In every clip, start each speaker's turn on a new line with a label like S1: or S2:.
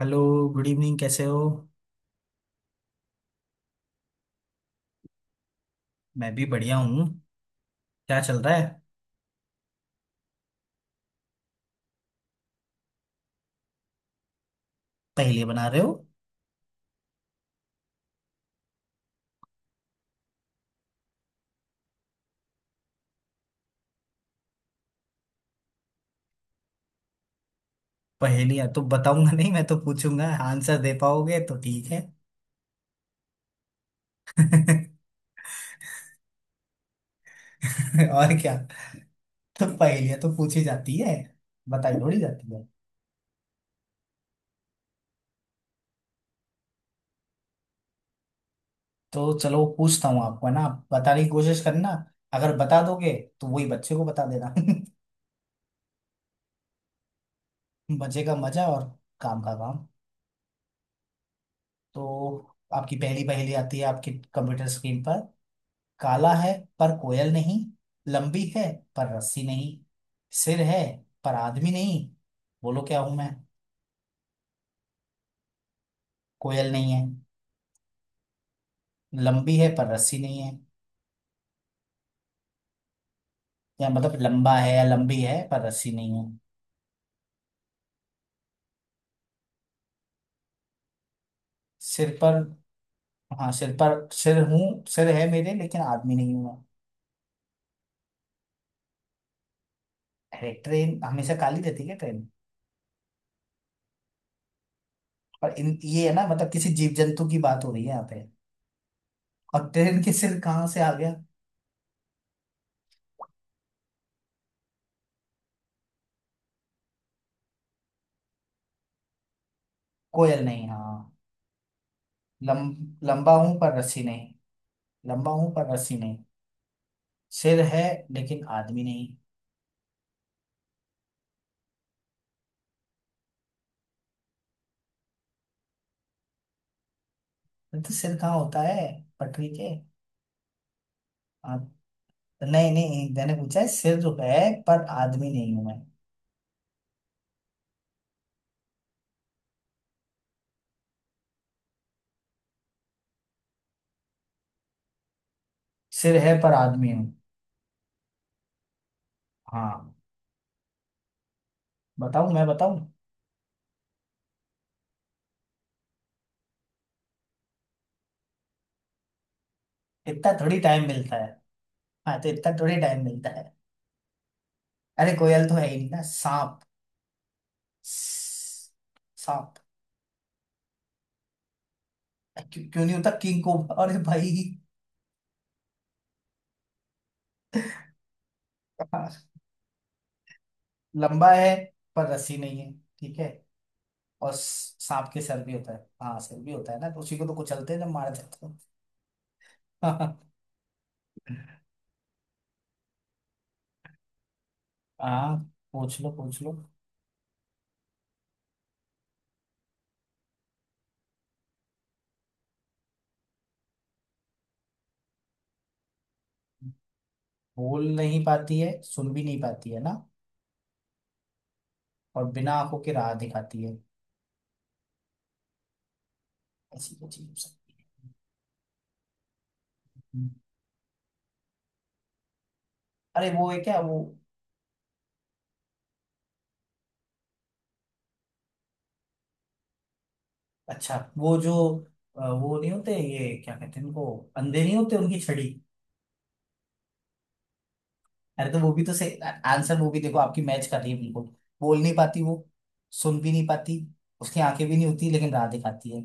S1: Hello. Good evening, कैसे हो। मैं भी बढ़िया हूँ। क्या चल रहा है। पहेली बना रहे हो। पहेलियाँ तो बताऊंगा नहीं, मैं तो पूछूंगा। आंसर दे पाओगे तो ठीक है। और क्या। तो पहेलियाँ तो पूछी जाती है, बताई थोड़ी जाती है। तो चलो पूछता हूँ आपको, है ना। आप बताने की कोशिश करना। अगर बता दोगे तो वही बच्चे को बता देना। मजे का मजा और काम का काम। तो आपकी पहली पहेली आती है आपके कंप्यूटर स्क्रीन पर। काला है पर कोयल नहीं। लंबी है पर रस्सी नहीं। सिर है पर आदमी नहीं। बोलो क्या हूं मैं। कोयल नहीं है। लंबी है पर रस्सी नहीं है। या मतलब लंबा है या लंबी है पर रस्सी नहीं है। सिर पर। हाँ, सिर पर सिर हूँ। सिर है मेरे, लेकिन आदमी नहीं हूं मैं। अरे ट्रेन हमेशा काली रहती है क्या, ट्रेन। और इन ये है ना, मतलब किसी जीव जंतु की बात हो रही है यहाँ पे। और ट्रेन के सिर कहाँ से आ गया। कोयल नहीं, हाँ। लम, लंबा हूं पर रस्सी नहीं। लंबा हूं पर रस्सी नहीं। सिर है लेकिन आदमी नहीं है। तो सिर कहाँ होता है पटरी के। आप नहीं नहीं, मैंने पूछा है सिर जो है पर आदमी नहीं हूं मैं। सिर है पर आदमी हूँ। हाँ, बताऊं मैं, बताऊं। इतना थोड़ी टाइम मिलता है। हाँ, तो इतना थोड़ी टाइम मिलता है। अरे कोयल तो है ही नहीं ना, सांप। स- सांप क्यों, क्यों नहीं होता किंग को। अरे भाई। हाँ, लंबा है पर रस्सी नहीं है। ठीक है। और सांप के सर भी होता है। हाँ सर भी होता है ना, तो उसी को तो कुचलते हैं ना, मार देते हैं। आ, पूछ लो, पूछ लो। बोल नहीं पाती है, सुन भी नहीं पाती है ना। और बिना आंखों के राह दिखाती है। ऐसी क्या चीज हो सकती है। हम्म। अरे वो है क्या वो। अच्छा वो जो वो नहीं होते, ये क्या कहते हैं उनको, अंधे नहीं होते उनकी छड़ी। अरे तो वो भी तो से आंसर, वो भी देखो आपकी मैच कर रही है बिल्कुल। बोल नहीं पाती वो, सुन भी नहीं पाती, उसकी आंखें भी नहीं होती लेकिन राह दिखाती है।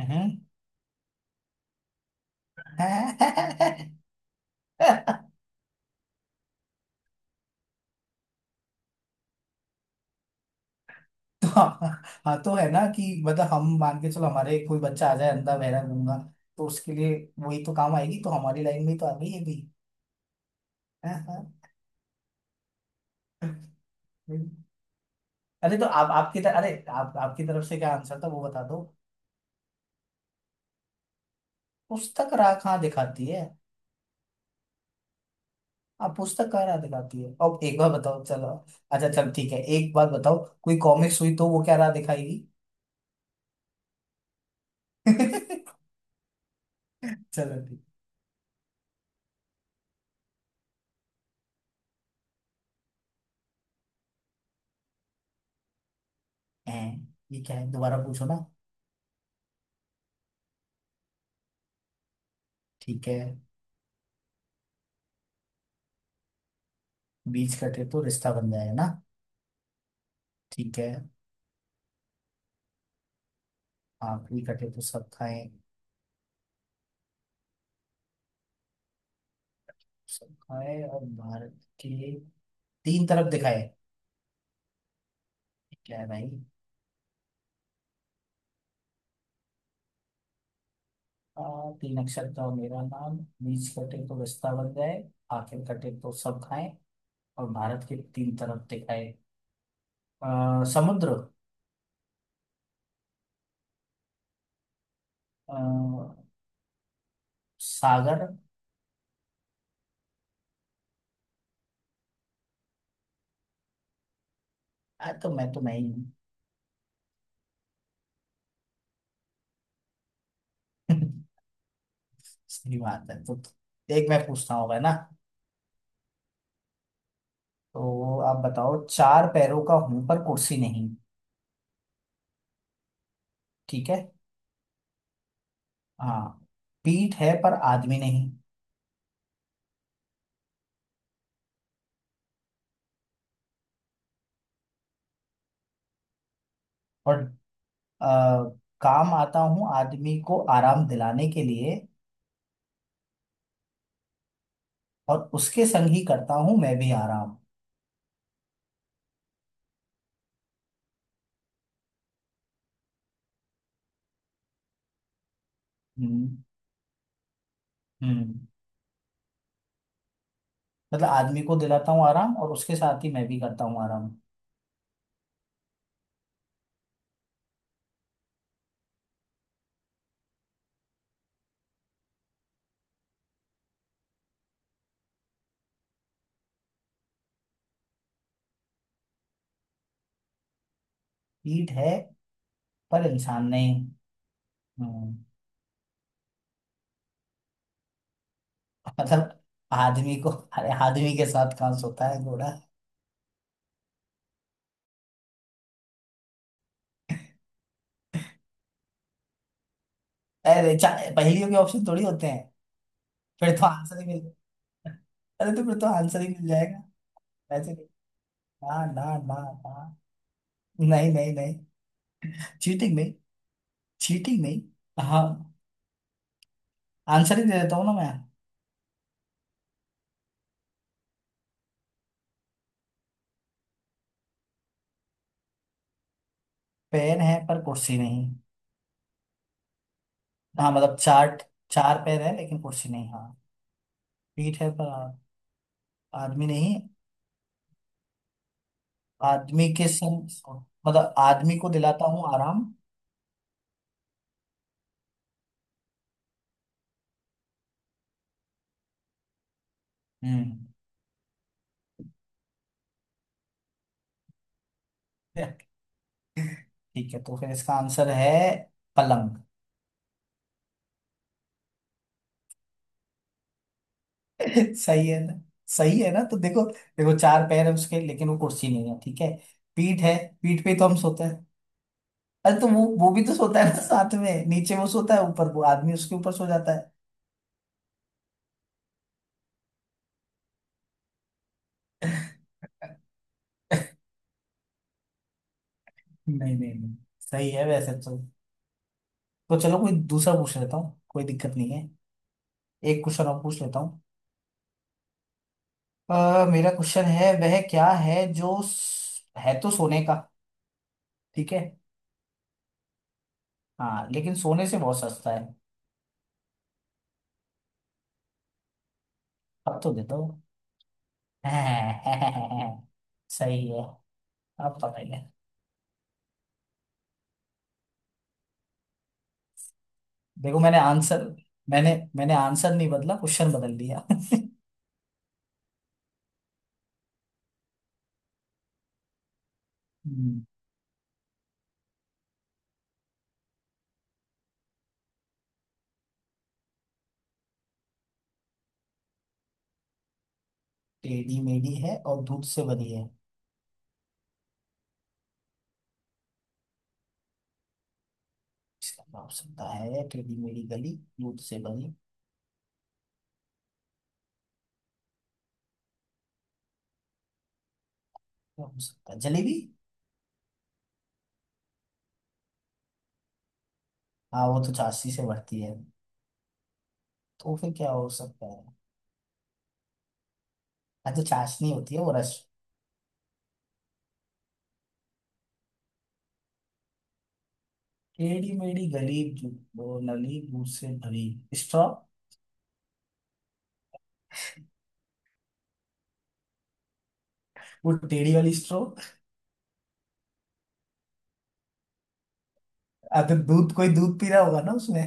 S1: हैं? तो हाँ। हाँ, तो है ना कि मतलब हम मान के चलो, हमारे कोई बच्चा आ जाए अंधा बहरा गूंगा, तो उसके लिए वही तो काम आएगी, तो हमारी लाइन में ही तो आ गई है भी। हाँ, हाँ। हम्म। अरे तो आप आपकी तरफ, अरे आप आपकी तरफ से क्या आंसर था वो बता दो। पुस्तक राह कहाँ दिखाती है। आप पुस्तक कहाँ राह दिखाती है, अब एक बार बताओ चलो। अच्छा चल ठीक है, एक बात बताओ कोई कॉमिक्स हुई तो वो क्या राह दिखाएगी। चलो ठीक है। ये क्या है, दोबारा पूछो ना। ठीक है। बीच कटे तो रिश्ता बन जाए ना। ठीक है। आखिरी कटे तो सब खाए। सब खाए और भारत के तीन तरफ दिखाए। क्या है भाई। तीन अक्षर का मेरा नाम, बीच कटे तो रिश्ता बन जाए, आखिर कटे तो सब खाए, और भारत के तीन तरफ दिखाए। समुद्र। आ, सागर। तो मैं, तो मैं ही हूँ। सही बात है। तो एक मैं पूछता हूँ भाई ना। तो आप बताओ, चार पैरों का हूं पर कुर्सी नहीं। ठीक है। हाँ, पीठ है पर आदमी नहीं। और अ, काम आता हूँ आदमी को आराम दिलाने के लिए, और उसके संग ही करता हूँ मैं भी आराम। हम्म हम्म मतलब आदमी को दिलाता हूँ आराम, और उसके साथ ही मैं भी करता हूँ आराम। पीठ है पर इंसान नहीं। हम्म मतलब आदमी को, अरे आदमी के साथ कहाँ सोता है घोड़ा। अरे पहेलियों के ऑप्शन थोड़ी होते हैं। फिर तो आंसर ही मिल। अरे तो फिर तो आंसर ही मिल जाएगा। ऐसे नहीं, ना ना ना ना। नहीं नहीं नहीं। चीटिंग नहीं, चीटिंग नहीं। हाँ, आंसर ही दे देता हूँ ना मैं। पैर है पर कुर्सी नहीं। हाँ मतलब चार, चार पैर है लेकिन कुर्सी नहीं। हाँ, पीठ है पर आदमी नहीं। आदमी के संग, मतलब आदमी को दिलाता हूँ आराम। हम्म। ठीक है, तो फिर इसका आंसर है पलंग। सही है ना। सही है ना, तो देखो देखो, चार पैर है उसके लेकिन वो कुर्सी नहीं है, ठीक है। पीठ है, पीठ पे ही तो हम सोते हैं। अरे तो वो भी तो सोता है ना साथ में, नीचे वो सोता है, ऊपर वो आदमी उसके ऊपर सो जाता है। नहीं नहीं नहीं, सही है वैसे तो। तो चलो कोई दूसरा पूछ लेता हूँ, कोई दिक्कत नहीं है। एक क्वेश्चन और पूछ लेता हूँ। मेरा क्वेश्चन है, वह क्या है जो है तो सोने का। ठीक है। हाँ लेकिन सोने से बहुत सस्ता है। अब तो दे दो। सही है, अब पता ही है। देखो मैंने आंसर, मैंने, मैंने आंसर नहीं बदला, क्वेश्चन बदल दिया। हम्म, टेढ़ी मेढ़ी है और दूध से बनी है, इसका क्या हो सकता है। टेढ़ी मेढ़ी गली, दूध से बनी, क्या हो सकता है, जलेबी। हाँ वो तो चाशनी से बढ़ती है। तो फिर क्या हो सकता है। हाँ तो चाशनी होती है वो रस। टेढ़ी मेढ़ी गली वो नली, दूध से भरी, स्ट्रॉ। वो टेढ़ी वाली स्ट्रॉ। अगर दूध, कोई दूध पी रहा होगा ना उसमें।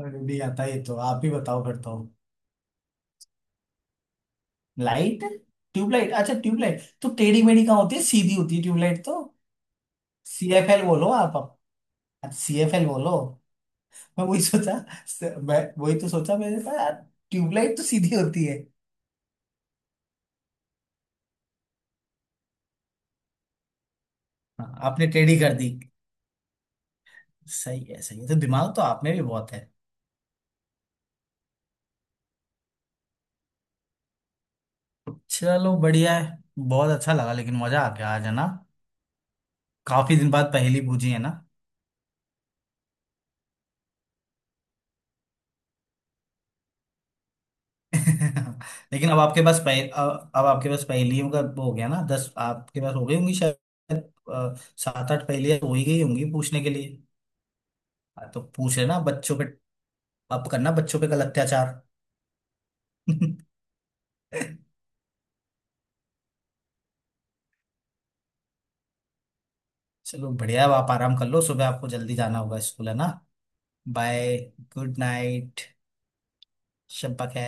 S1: अरे नहीं आता ये, तो आप ही बताओ, करता हूँ। Light, tubelight. अच्छा ट्यूबलाइट तो टेढ़ी मेढ़ी कहाँ होती है, सीधी होती है ट्यूबलाइट तो। CFL बोलो आप, अब CFL बोलो। मैं वही सोचा, मैं वही तो सोचा, मैंने कहा यार ट्यूबलाइट तो सीधी होती है। हाँ आपने टेढ़ी कर दी। सही है, सही है, तो दिमाग तो आप में भी बहुत है। चलो बढ़िया है, बहुत अच्छा लगा लेकिन, मजा आ गया आज, है ना। काफी दिन बाद पहेली पूछी है ना। लेकिन अब आपके पास अब आपके पास पहेलियों का वो हो गया ना, 10 आपके पास हो गई होंगी शायद। 7-8 पहेलियां हो ही गई होंगी पूछने के लिए। हाँ, तो पूछ लेना बच्चों पे। अब करना बच्चों पे कल अत्याचार। चलो बढ़िया, अब आप आराम कर लो, सुबह आपको जल्दी जाना होगा, स्कूल है ना। बाय, गुड नाइट, शब्बा खैर।